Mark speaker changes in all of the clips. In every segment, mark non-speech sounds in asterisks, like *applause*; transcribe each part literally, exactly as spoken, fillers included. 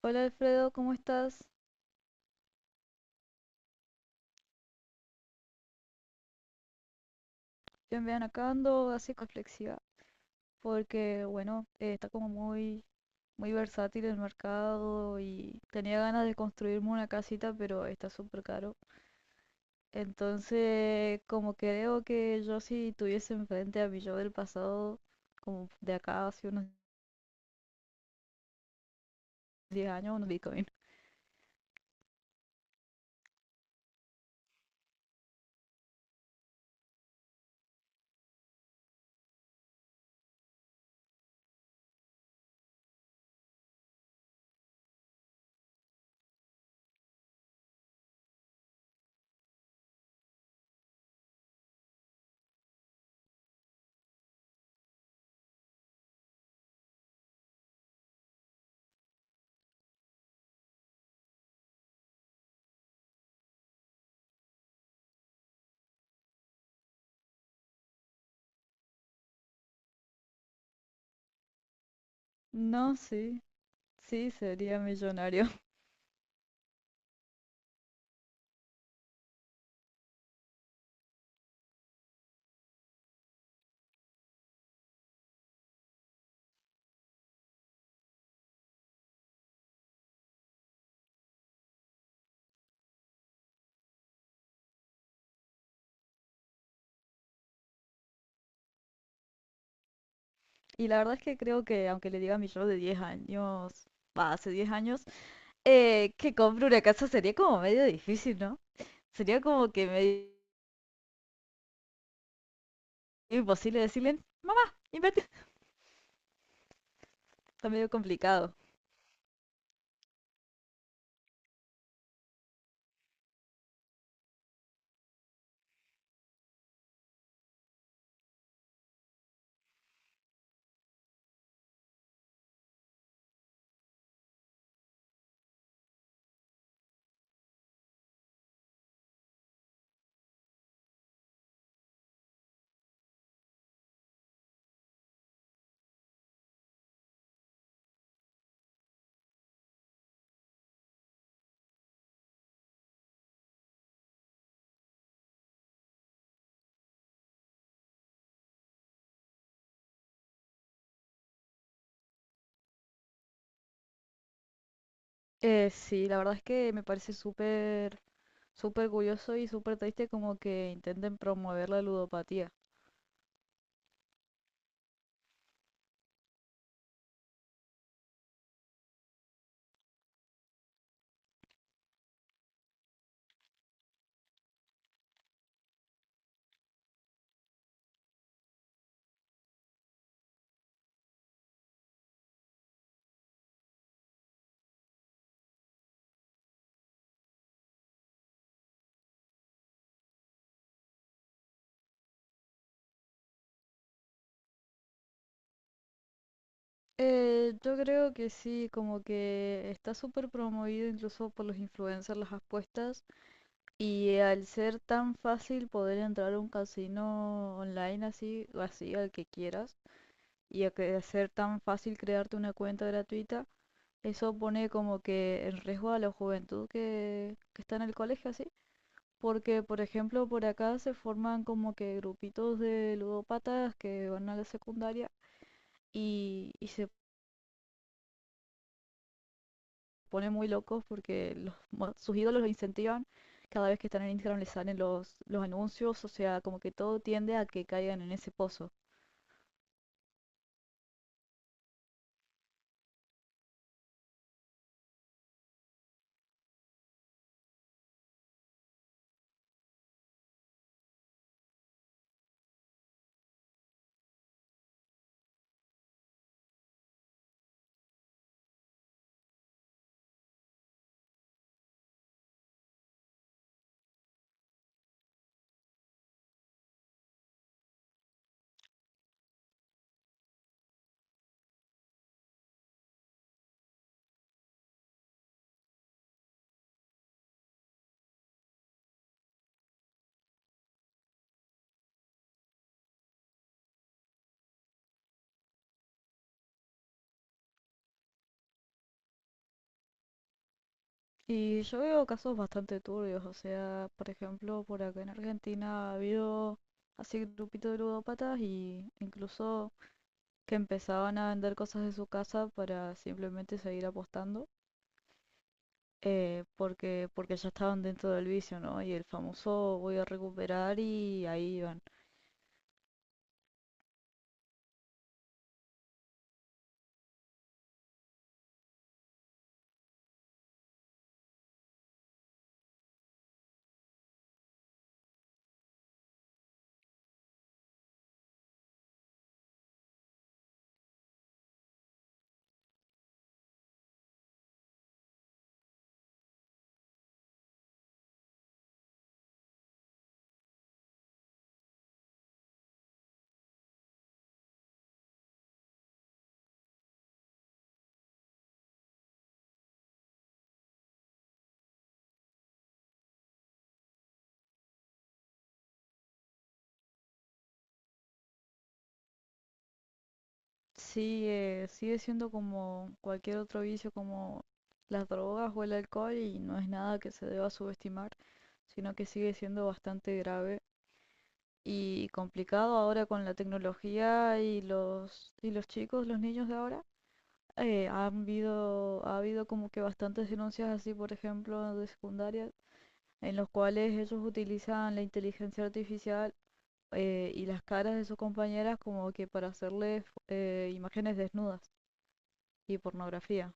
Speaker 1: Hola Alfredo, ¿cómo estás? Yo en verdad acá ando así reflexiva, porque bueno, eh, está como muy, muy versátil el mercado y tenía ganas de construirme una casita, pero está súper caro. Entonces, como que veo que yo si tuviese enfrente a mi yo del pasado, como de acá hace unos diez años, unos Bitcoin. *laughs* No, sí, sí, sería millonario. *laughs* Y la verdad es que creo que aunque le diga a mi yo de diez años, va, hace diez años, eh, que compre una casa sería como medio difícil, ¿no? Sería como que medio imposible decirle, mamá, invertir. Está medio complicado. Eh, sí, la verdad es que me parece súper, súper curioso y súper triste como que intenten promover la ludopatía. Eh, yo creo que sí, como que está súper promovido incluso por los influencers las apuestas y al ser tan fácil poder entrar a un casino online así, o así al que quieras, y a que hacer tan fácil crearte una cuenta gratuita, eso pone como que en riesgo a la juventud que, que está en el colegio, así. Porque, por ejemplo, por acá se forman como que grupitos de ludópatas que van a la secundaria y, y se ponen muy locos porque los, mo- sus ídolos los incentivan. Cada vez que están en Instagram les salen los, los anuncios, o sea, como que todo tiende a que caigan en ese pozo. Y yo veo casos bastante turbios, o sea, por ejemplo, por acá en Argentina ha habido así grupitos de ludópatas y incluso que empezaban a vender cosas de su casa para simplemente seguir apostando, eh, porque, porque ya estaban dentro del vicio, ¿no? Y el famoso voy a recuperar y ahí iban. Sigue, sigue siendo como cualquier otro vicio, como las drogas o el alcohol, y no es nada que se deba subestimar, sino que sigue siendo bastante grave y complicado ahora con la tecnología y los, y los chicos, los niños de ahora. eh, han habido, ha habido como que bastantes denuncias así, por ejemplo, de secundaria, en los cuales ellos utilizan la inteligencia artificial eh, y las caras de sus compañeras como que para hacerles eh, imágenes desnudas y pornografía.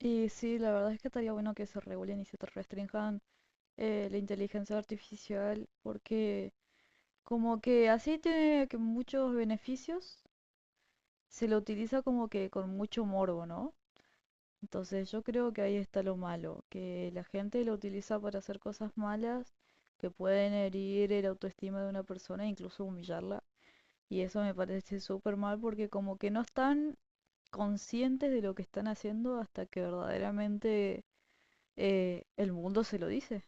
Speaker 1: Y sí, la verdad es que estaría bueno que se regulen y se te restrinjan eh, la inteligencia artificial porque como que así tiene que muchos beneficios se lo utiliza como que con mucho morbo, ¿no? Entonces yo creo que ahí está lo malo, que la gente lo utiliza para hacer cosas malas que pueden herir el autoestima de una persona e incluso humillarla. Y eso me parece súper mal porque como que no están conscientes de lo que están haciendo hasta que verdaderamente eh, el mundo se lo dice.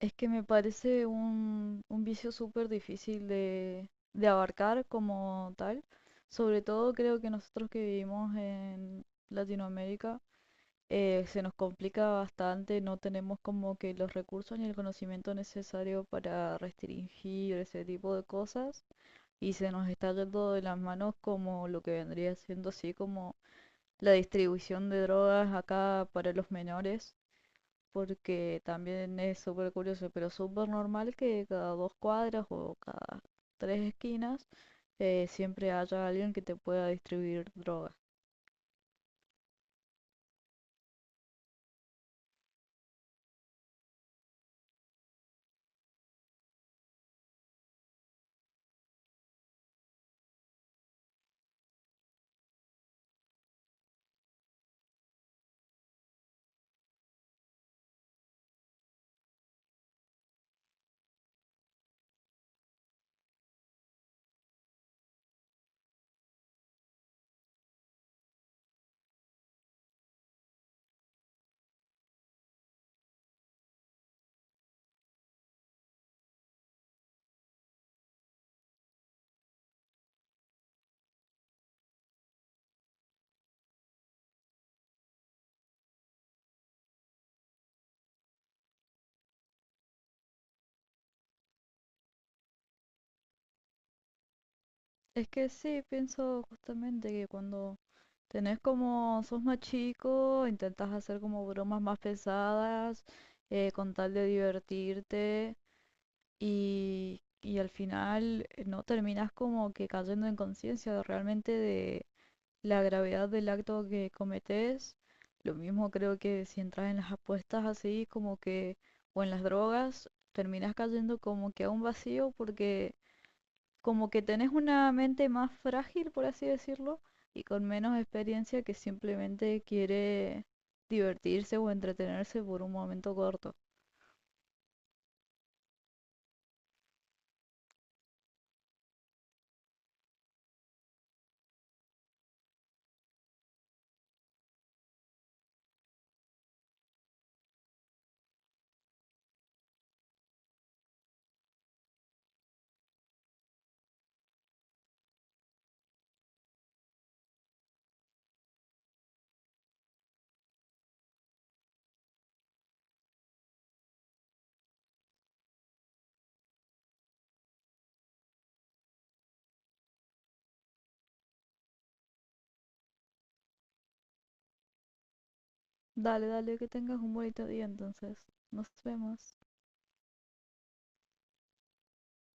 Speaker 1: Es que me parece un, un vicio súper difícil de, de abarcar como tal. Sobre todo creo que nosotros que vivimos en Latinoamérica eh, se nos complica bastante, no tenemos como que los recursos ni el conocimiento necesario para restringir ese tipo de cosas y se nos está yendo de las manos como lo que vendría siendo así como la distribución de drogas acá para los menores porque también es súper curioso, pero súper normal que cada dos cuadras o cada tres esquinas eh, siempre haya alguien que te pueda distribuir drogas. Es que sí, pienso justamente que cuando tenés como, sos más chico, intentas hacer como bromas más pesadas, eh, con tal de divertirte y, y al final eh, no terminás como que cayendo en conciencia realmente de la gravedad del acto que cometes. Lo mismo creo que si entras en las apuestas así, como que, o en las drogas, terminas cayendo como que a un vacío porque como que tenés una mente más frágil, por así decirlo, y con menos experiencia que simplemente quiere divertirse o entretenerse por un momento corto. Dale, dale, que tengas un bonito día entonces. Nos vemos.